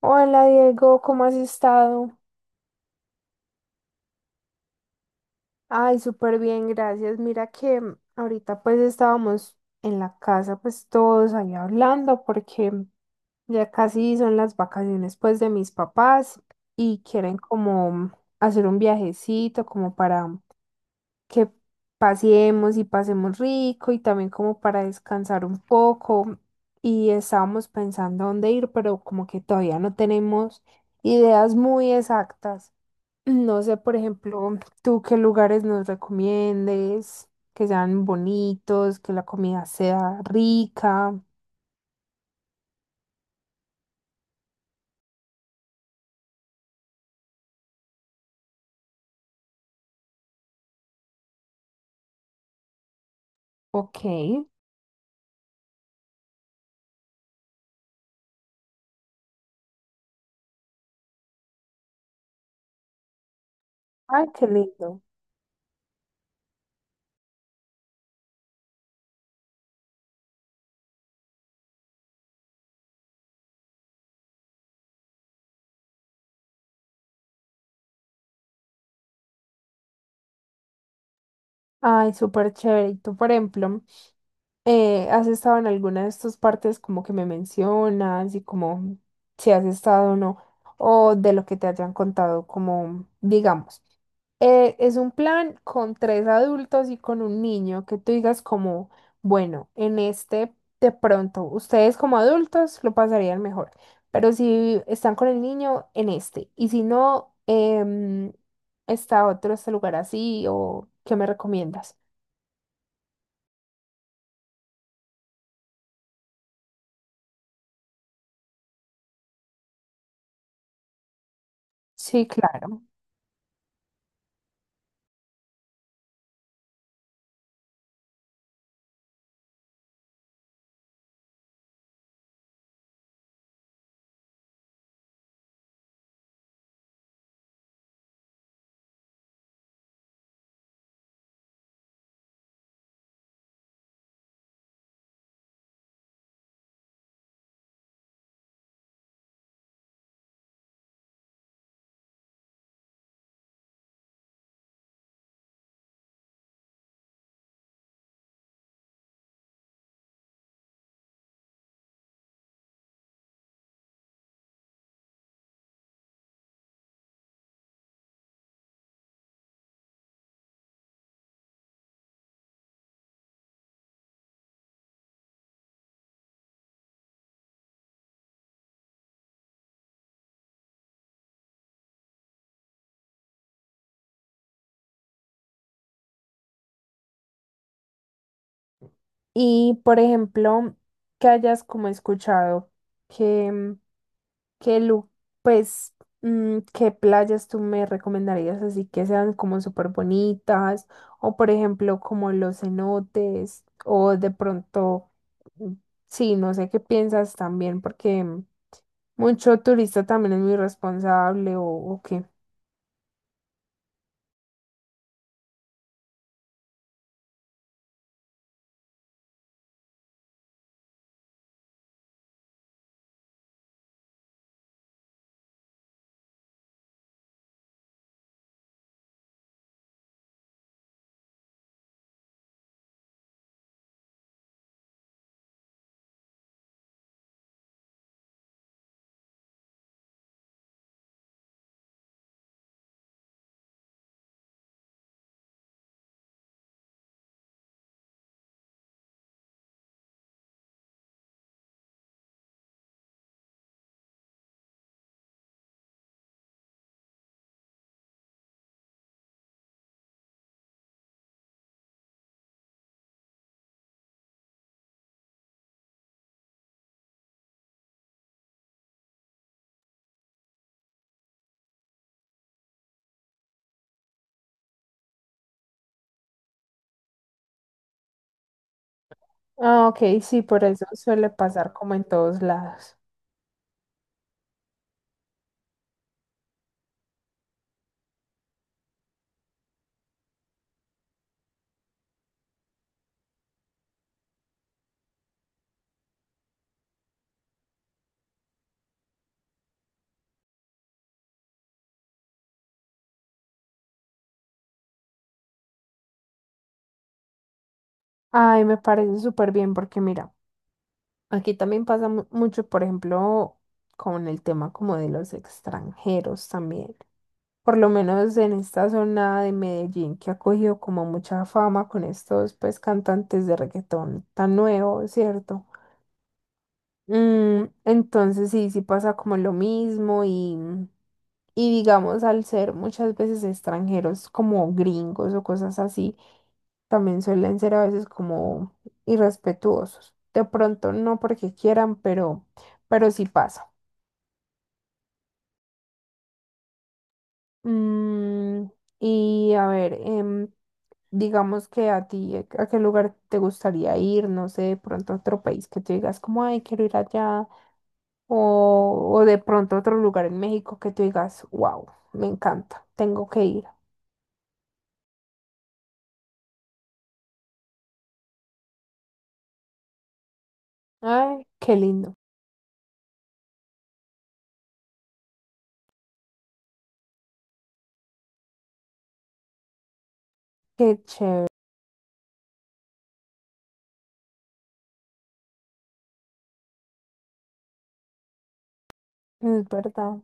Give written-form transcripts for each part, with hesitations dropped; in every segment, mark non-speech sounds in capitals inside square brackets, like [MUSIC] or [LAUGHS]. Hola Diego, ¿cómo has estado? Ay, súper bien, gracias. Mira que ahorita pues estábamos en la casa pues todos ahí hablando porque ya casi son las vacaciones pues de mis papás y quieren como hacer un viajecito como para que paseemos y pasemos rico y también como para descansar un poco y estábamos pensando dónde ir, pero como que todavía no tenemos ideas muy exactas. No sé, por ejemplo, tú qué lugares nos recomiendes, que sean bonitos, que la comida sea rica. Ok. Ay, qué lindo. Ay, súper chévere. Y tú, por ejemplo, ¿has estado en alguna de estas partes como que me mencionas y como si has estado o no? O de lo que te hayan contado, como digamos. Es un plan con tres adultos y con un niño que tú digas como, bueno, en este de pronto, ustedes como adultos lo pasarían mejor, pero si están con el niño, en este, y si no, está otro, este lugar así, o ¿qué me recomiendas? Sí, claro. Y por ejemplo, que hayas como escuchado que... ¿Qué pues, qué playas tú me recomendarías así que sean como súper bonitas? O por ejemplo, como los cenotes, o de pronto, mm, sí, no sé qué piensas también, porque mucho turista también es muy responsable, o qué. Ah, ok, sí, por eso suele pasar como en todos lados. Ay, me parece súper bien porque mira, aquí también pasa mucho, por ejemplo, con el tema como de los extranjeros también. Por lo menos en esta zona de Medellín que ha cogido como mucha fama con estos pues cantantes de reggaetón tan nuevos, ¿cierto? Mm, entonces sí, sí pasa como lo mismo y digamos al ser muchas veces extranjeros como gringos o cosas así, también suelen ser a veces como irrespetuosos. De pronto no porque quieran, pero sí pasa. Mm, y a ver, digamos que a ti, ¿a qué lugar te gustaría ir? No sé, de pronto otro país que tú digas como, ay, quiero ir allá. O, o de pronto otro lugar en México que tú digas, wow, me encanta, tengo que ir. Ay, qué lindo, qué chévere, es verdad.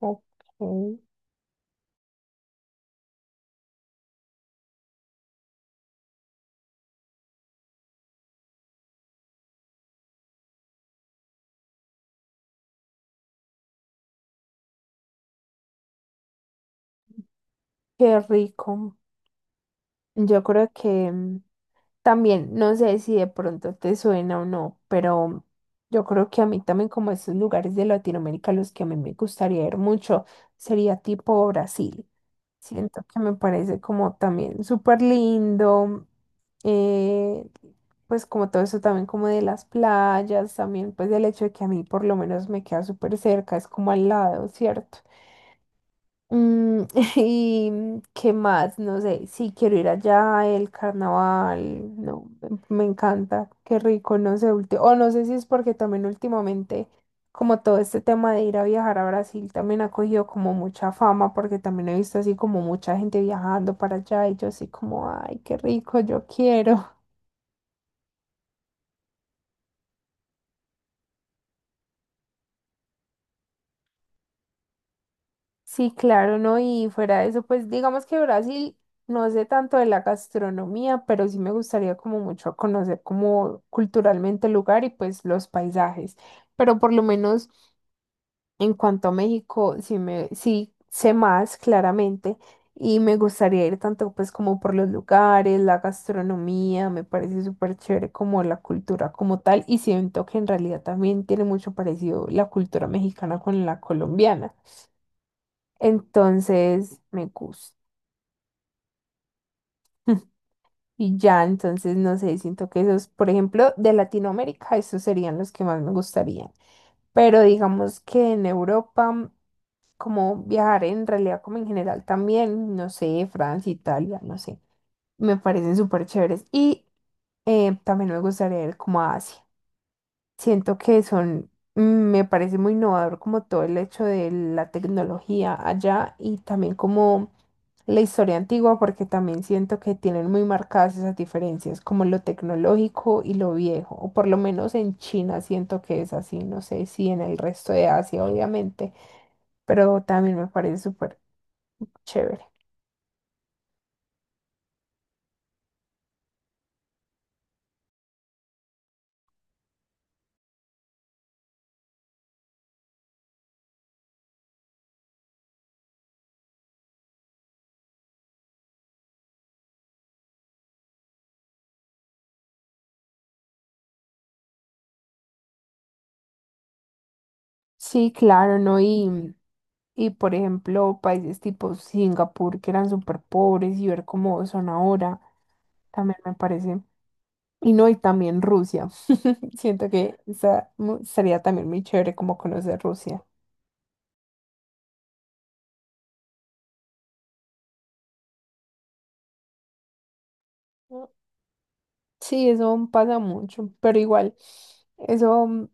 Ok, qué rico. Yo creo que también, no sé si de pronto te suena o no, pero yo creo que a mí también como esos lugares de Latinoamérica a los que a mí me gustaría ir mucho sería tipo Brasil. Siento que me parece como también súper lindo, eh, pues como todo eso también como de las playas, también pues del hecho de que a mí por lo menos me queda súper cerca, es como al lado, ¿cierto? Mm, [LAUGHS] ¿y qué más? No sé, sí quiero ir allá, el carnaval, no, me encanta, qué rico, no sé, o no sé si es porque también últimamente, como todo este tema de ir a viajar a Brasil también ha cogido como mucha fama, porque también he visto así como mucha gente viajando para allá y yo así como, ay, qué rico, yo quiero. Sí, claro, ¿no? Y fuera de eso, pues digamos que Brasil no sé tanto de la gastronomía, pero sí me gustaría como mucho conocer como culturalmente el lugar y pues los paisajes. Pero por lo menos en cuanto a México, sí me, sí sé más claramente y me gustaría ir tanto pues como por los lugares, la gastronomía, me parece súper chévere como la cultura como tal y siento que en realidad también tiene mucho parecido la cultura mexicana con la colombiana. Entonces, me gusta. [LAUGHS] Y ya, entonces, no sé, siento que esos, por ejemplo, de Latinoamérica, esos serían los que más me gustarían. Pero digamos que en Europa, como viajar en realidad, como en general también, no sé, Francia, Italia, no sé, me parecen súper chéveres. Y también me gustaría ir como a Asia. Siento que son, me parece muy innovador como todo el hecho de la tecnología allá y también como la historia antigua, porque también siento que tienen muy marcadas esas diferencias, como lo tecnológico y lo viejo, o por lo menos en China siento que es así, no sé si en el resto de Asia, obviamente, pero también me parece súper chévere. Sí, claro, ¿no? Y por ejemplo, países tipo Singapur que eran súper pobres y ver cómo son ahora, también me parece. Y no, y también Rusia. [LAUGHS] Siento que esa sería también muy chévere como conocer Rusia. Sí, eso pasa mucho, pero igual, eso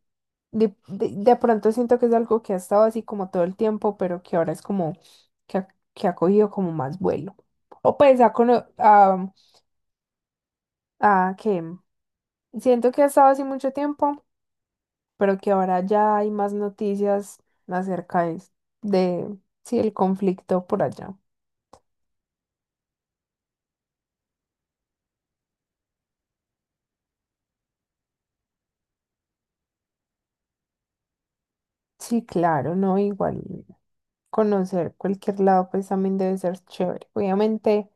de pronto siento que es algo que ha estado así como todo el tiempo, pero que ahora es como que ha, que ha cogido como más vuelo. O pues ha, ah, que siento que ha estado así mucho tiempo, pero que ahora ya hay más noticias acerca de sí, el conflicto por allá. Sí, claro, ¿no? Igual conocer cualquier lado pues también debe ser chévere. Obviamente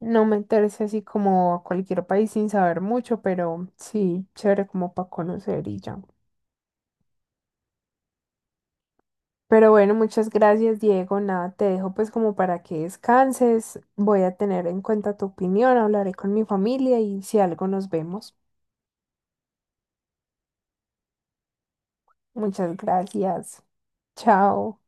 no meterse así como a cualquier país sin saber mucho, pero sí, chévere como para conocer y ya. Pero bueno, muchas gracias, Diego. Nada, te dejo pues como para que descanses. Voy a tener en cuenta tu opinión, hablaré con mi familia y si algo nos vemos. Muchas gracias. Chao.